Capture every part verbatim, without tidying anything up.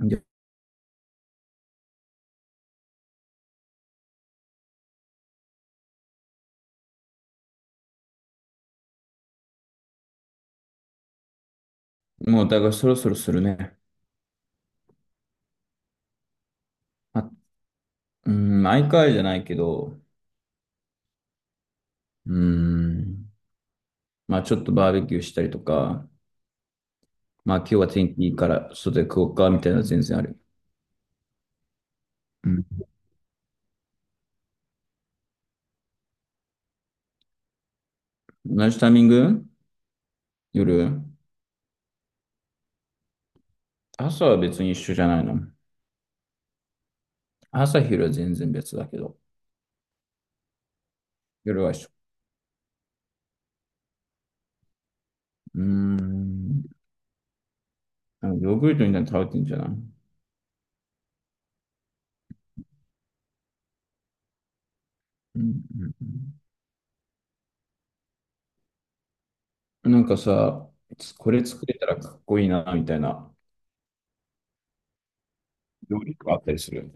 いやもう、だからそろそろするね。あ、うん、毎回じゃないけど、うん、まあちょっとバーベキューしたりとか、まあ今日は天気いいから外で食おうかみたいなのは全然ある。うん。同じタイミング？夜。朝は別に一緒じゃないの。朝昼は全然別だけど、夜は一緒。うーん。あのヨーグルトみたいに食べてんじゃない？うんうんうん。なんかさ、これ作れたらかっこいいな、みたいな料理とかあったりする？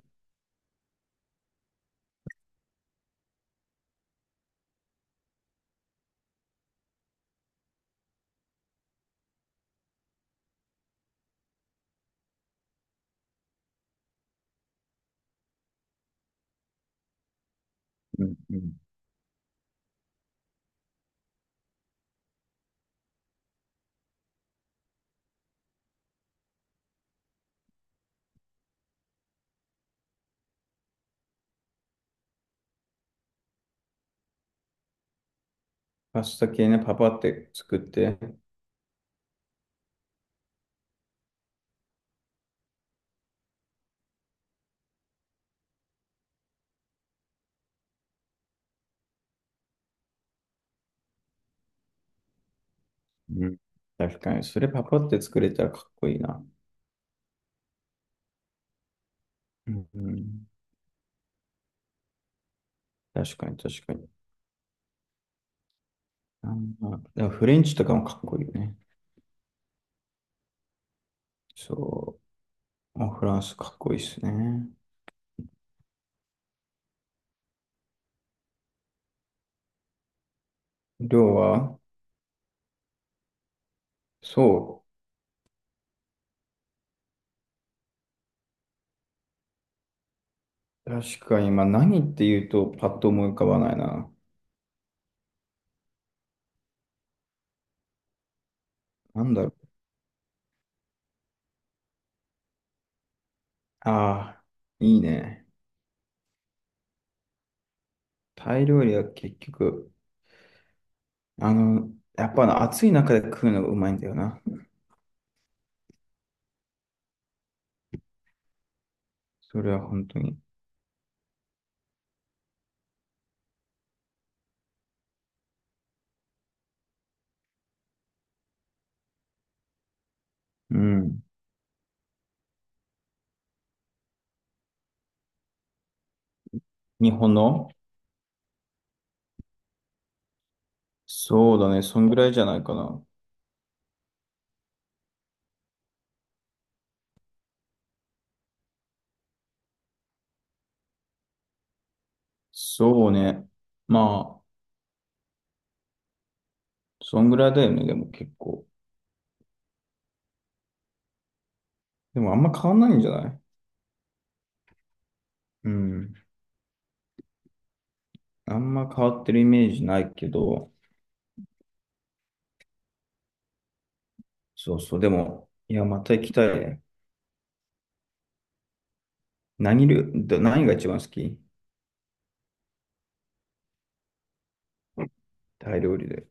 うんうん。パスタ系ね、パパって作って。うん。確かに。それパパって作れたらかっこいいな。うん。うん。確かに、確かに。あんまでもフレンチとかもかっこいいよね。そう。あ、フランスかっこいいですね。量は。そう。確かに、まあ何って言うとパッと思い浮かばないな。なんだろう。ああ、いいね。タイ料理は結局、あの、やっぱな暑い中で食うのがうまいんだよな。それは本当に。うん。日本の？そうだね。そんぐらいじゃないかな。そうね。まあ、そんぐらいだよね。でも結構。でもあんま変わんないんじゃない？うん。あんま変わってるイメージないけど。そうそう。でも、いや、また行きたいね。何料、ど何が一番好き？タイ料理で。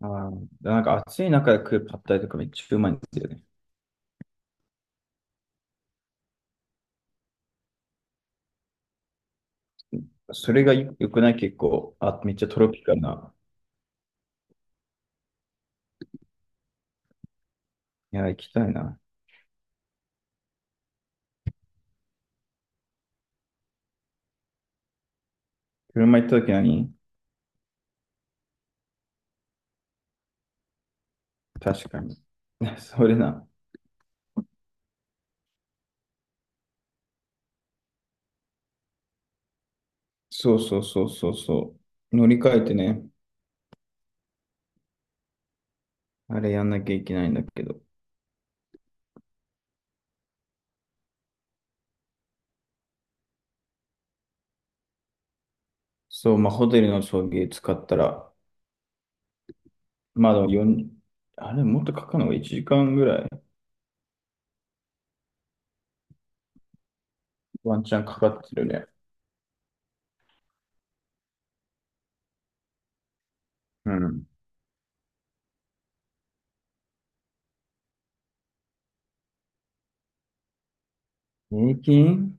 ああ、なんか暑い中で食うパッタイとかめっちゃうまいんですよね。それがよ良くない？結構、あ、めっちゃトロピカルな。いや、行きたいな。車行った時何？確かに。それな。そうそうそうそうそう。乗り換えてね、あれやんなきゃいけないんだけど。そう、まあ、ホテルの送迎使ったら、まあでもよん、あれ、もっとかかるのがいちじかんぐらい、ワンチャンかかってるね。うん。平均。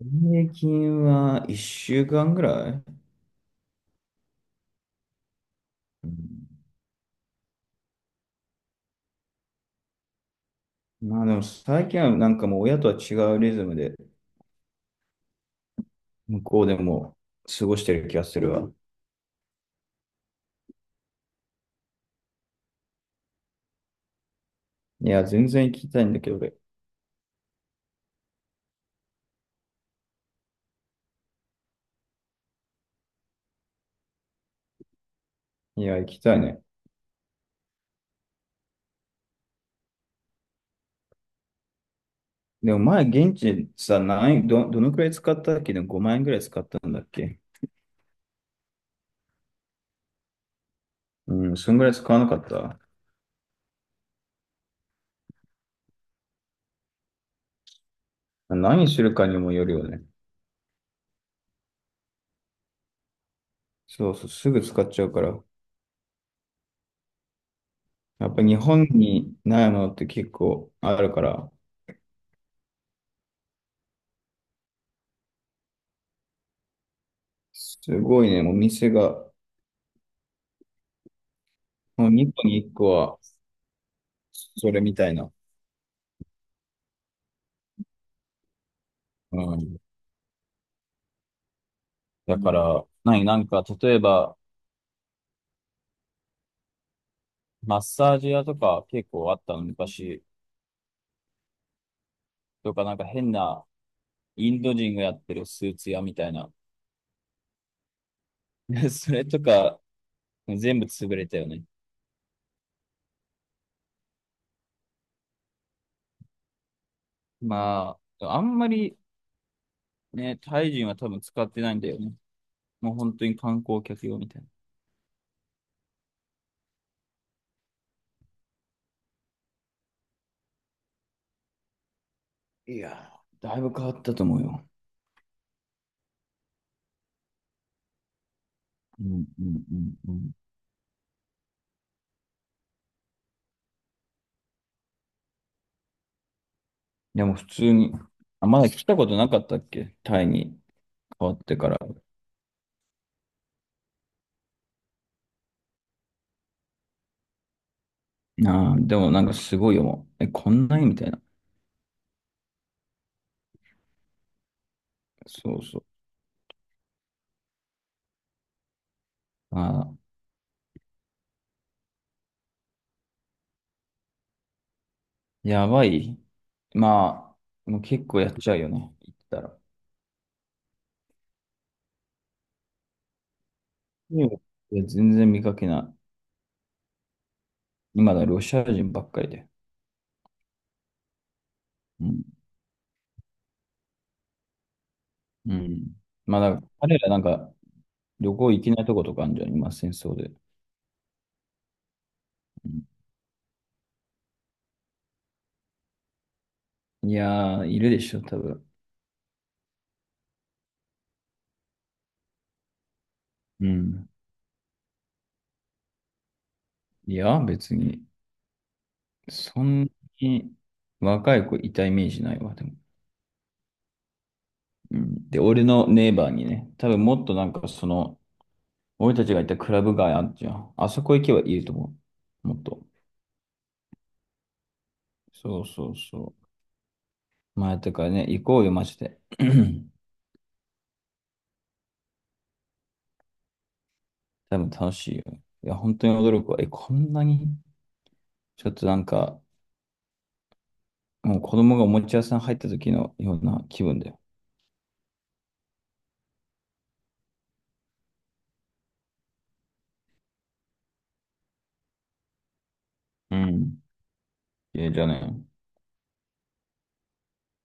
平均はいっしゅうかんぐらい、うん、まあでも最近はなんかもう親とは違うリズムで、向こうでも過ごしてる気がするわ。いや、全然行きたいんだけど、俺。いや、行きたいね。でも前、現地でさ、何、ど、どのくらい使ったっけ？でもごまん円くらい使ったんだっけ？うん、そんぐらい使わなかった？何するかにもよるよね。そうそう、すぐ使っちゃうから。やっぱ日本にないものって結構あるから、すごいね、もう店が、もうにこにいっこはそれみたいな。うん。だから、何、なんか、例えば、マッサージ屋とか結構あったの、昔。とか、なんか変なインド人がやってるスーツ屋みたいな。それとか、全部潰れたよね。まあ、あんまりね、タイ人は多分使ってないんだよね。もう本当に観光客用みたいな。いやー、だいぶ変わったと思うよ。うんうんうんうん。でも普通に、あ、まだ来たことなかったっけ？タイに変わってから。ああ、でもなんかすごいよ、もう。え、こんなにみたいな。そうそう。ああ、やばい。まあ、もう結構やっちゃうよね。行ったら。いや、全然見かけない。今だロシア人ばっかりで。うんうん。まあ、だから彼らなんか旅行行けないとことかあるんじゃん、今、戦争で。うん。いやー、いるでしょ、多分。うん。いや、別に、そんなに若い子いたイメージないわ、でも。うん。で、俺のネイバーにね、多分もっとなんかその、俺たちがいたクラブ街あるじゃん。あそこ行けばいると思う。もっと。そうそうそう。まあ、だからね、行こうよ、マジで。多分楽しいよ。いや、本当に驚くわ。え、こんなにちょっとなんか、もう子供がおもちゃ屋さん入った時のような気分だよ。うん。ええ、じゃあね。